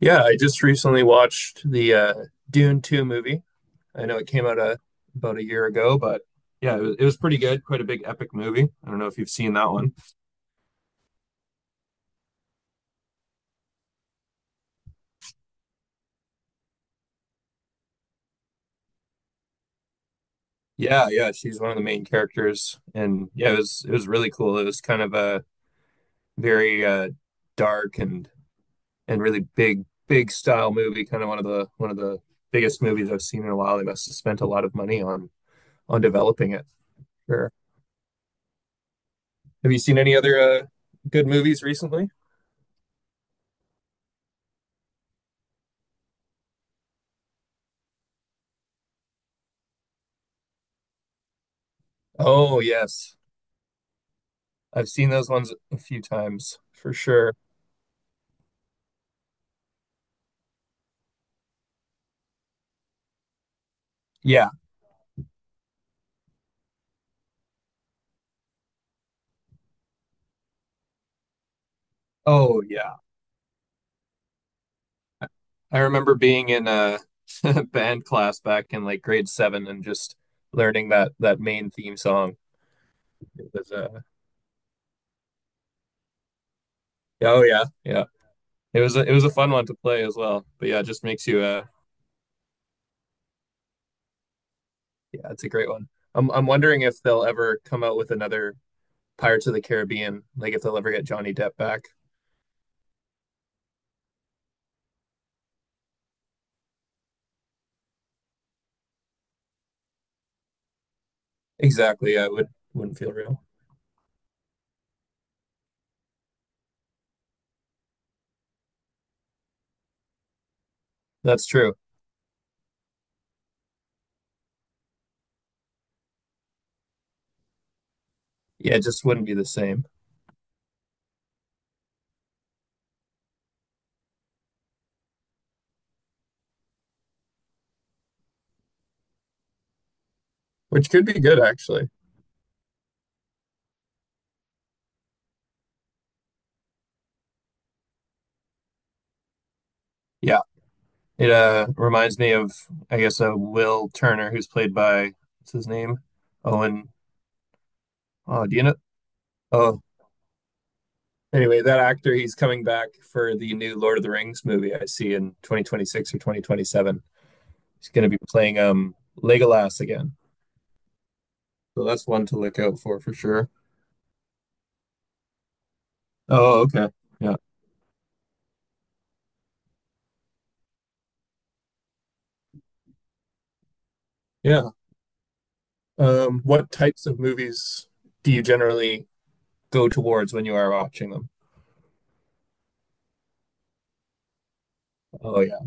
Yeah, I just recently watched the Dune 2 movie. I know it came out a, about a year ago, but yeah, it was pretty good. Quite a big epic movie. I don't know if you've seen that one. Yeah, yeah, she's one of the main characters, and yeah, it was really cool. It was kind of a very dark and really big style movie. Kind of one of the biggest movies I've seen in a while. They must have spent a lot of money on developing it. Sure. Have you seen any other good movies recently? Oh yes. I've seen those ones a few times for sure. Yeah. Oh, yeah. I I remember being in a band class back in like grade seven and just learning that main theme song. It was yeah, oh yeah, yeah. It was a fun one to play as well. But yeah, it just makes you yeah, it's a great one. I'm wondering if they'll ever come out with another Pirates of the Caribbean, like if they'll ever get Johnny Depp back. Exactly. Yeah, it wouldn't feel real. That's true. Yeah, it just wouldn't be the same, which could be good actually. Yeah. It reminds me of I guess Will Turner, who's played by, what's his name? Owen oh do you know oh Anyway, that actor, he's coming back for the new Lord of the Rings movie I see in 2026 or 2027. He's going to be playing Legolas again. So that's one to look out for sure. Oh, okay. Yeah. Yeah. What types of movies do you generally go towards when you are watching them? Oh yeah.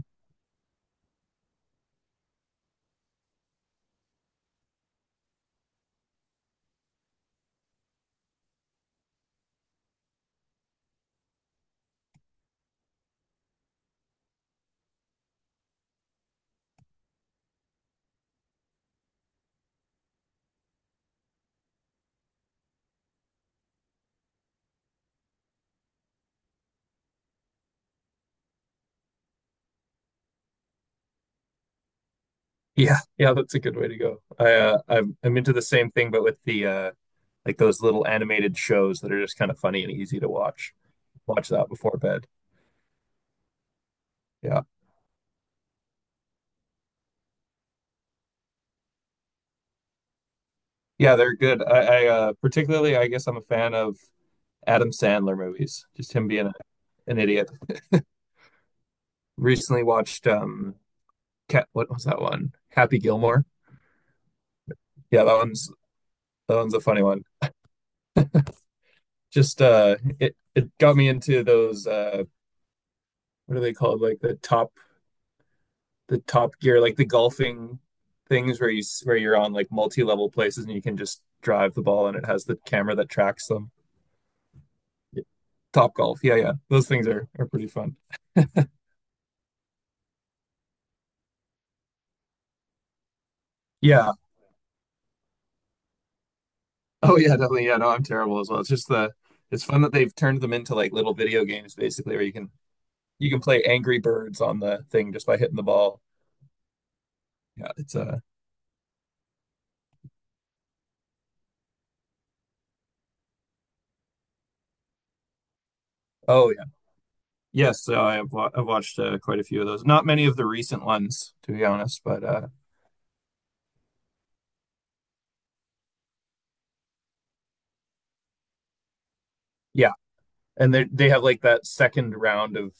Yeah. Yeah, that's a good way to go. I'm into the same thing but with the like those little animated shows that are just kind of funny and easy to watch. Watch that before bed. Yeah. Yeah, they're good. I Particularly, I guess I'm a fan of Adam Sandler movies, just him being an idiot. Recently watched Cat, what was that one? Happy Gilmore. Yeah, that one's a funny one. Just it got me into those, what are they called? Like the top, the top gear, like the golfing things where you're on like multi-level places and you can just drive the ball, and it has the camera that tracks them. Top golf. Yeah, yeah. Those things are pretty fun. Yeah. Oh yeah, definitely. Yeah, no, I'm terrible as well. It's just the it's fun that they've turned them into like little video games basically where you can play Angry Birds on the thing just by hitting the ball. Yeah, it's uh oh yeah. Yes, so I've watched quite a few of those. Not many of the recent ones to be honest, but yeah. And they have like that second round of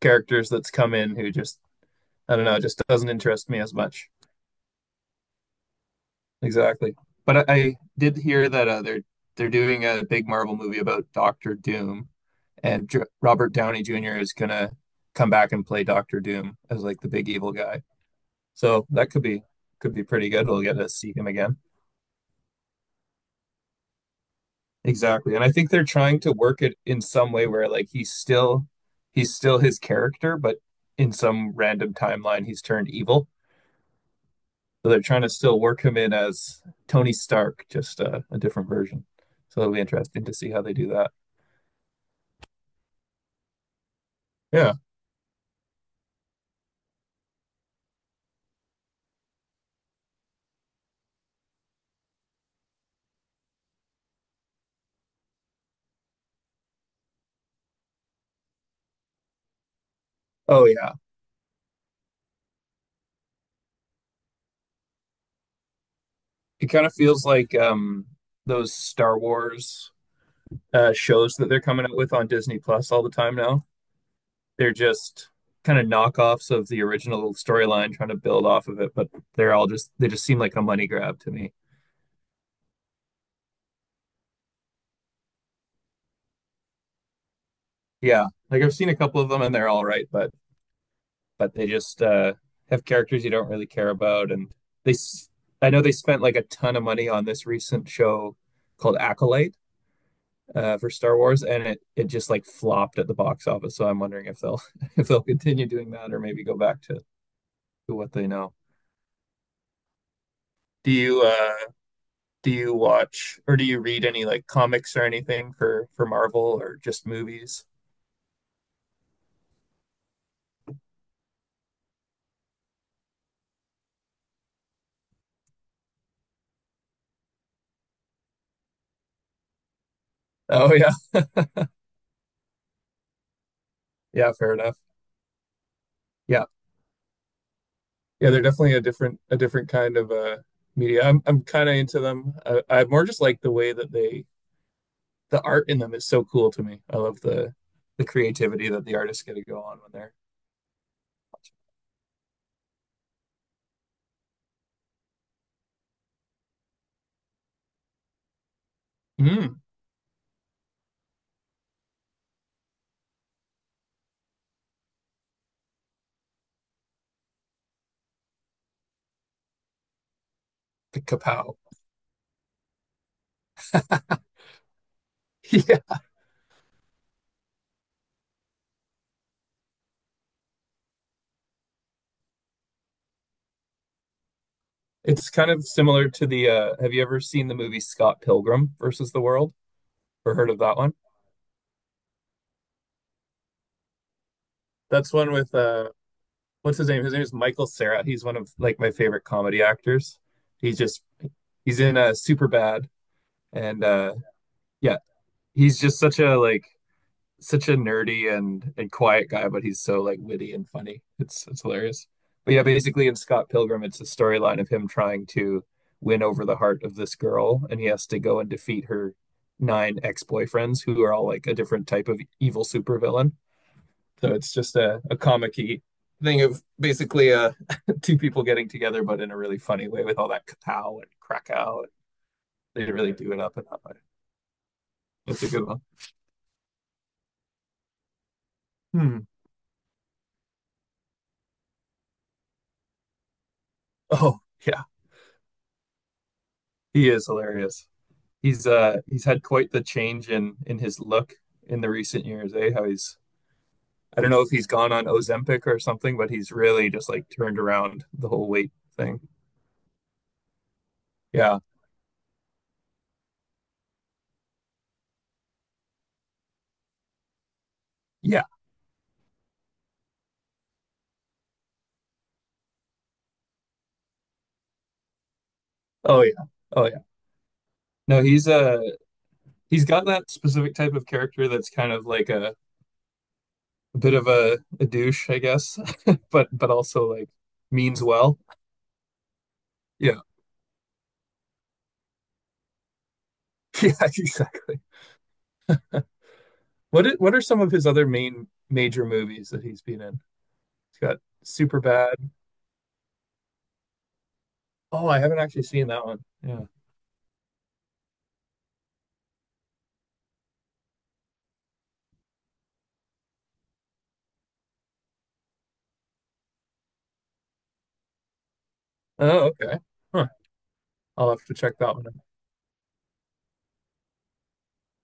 characters that's come in who just, I don't know, just doesn't interest me as much. Exactly. But I did hear that they're doing a big Marvel movie about Doctor Doom, and Dr Robert Downey Jr. is gonna come back and play Doctor Doom as like the big evil guy. So that could be, could be pretty good. We'll get to see him again. Exactly. And I think they're trying to work it in some way where like he's still his character, but in some random timeline he's turned evil. So they're trying to still work him in as Tony Stark, just a different version. So it'll be interesting to see how they do that. Yeah. Oh yeah. It kind of feels like those Star Wars shows that they're coming out with on Disney Plus all the time now. They're just kind of knockoffs of the original storyline, trying to build off of it, but they're all just, they just seem like a money grab to me. Yeah, like I've seen a couple of them and they're all right, but they just have characters you don't really care about. And they, I know they spent like a ton of money on this recent show called Acolyte, for Star Wars, and it just like flopped at the box office. So I'm wondering if they'll if they'll continue doing that or maybe go back to what they know. Do you uh do you watch or do you read any like comics or anything for Marvel or just movies? Oh yeah, yeah, fair enough. Yeah, yeah, they're definitely a different, a different kind of media. I'm kind of into them. I more just like the way that the art in them is so cool to me. I love the creativity that the artists get to go on when they're, mm, the kapow. Yeah, it's kind of similar to the have you ever seen the movie Scott Pilgrim versus the World, or heard of that one? That's one with what's his name? His name is Michael Cera. He's one of like my favorite comedy actors. He's just he's in super bad and yeah, he's just such a like, such a nerdy and quiet guy, but he's so like witty and funny. It's hilarious. But yeah, basically in Scott Pilgrim, it's a storyline of him trying to win over the heart of this girl, and he has to go and defeat her nine ex-boyfriends who are all like a different type of evil supervillain. So it's just a comic-y thing of basically two people getting together, but in a really funny way with all that Kapow and Krakow. They really do it up in that way. It's a good one. Hmm. Oh yeah, he is hilarious. He's he's had quite the change in his look in the recent years, eh? How he's I don't know if he's gone on Ozempic or something, but he's really just like turned around the whole weight thing. Yeah. Yeah. Oh yeah. Oh yeah. No, he's got that specific type of character that's kind of like a bit of a douche, I guess, but also like means well. Yeah. Yeah, exactly. What are some of his other main major movies that he's been in? He's got Superbad. Oh, I haven't actually seen that one. Yeah. Oh, okay. Huh. I'll have to check that one out.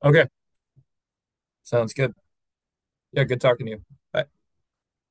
Okay. Sounds good. Yeah, good talking to you. Bye.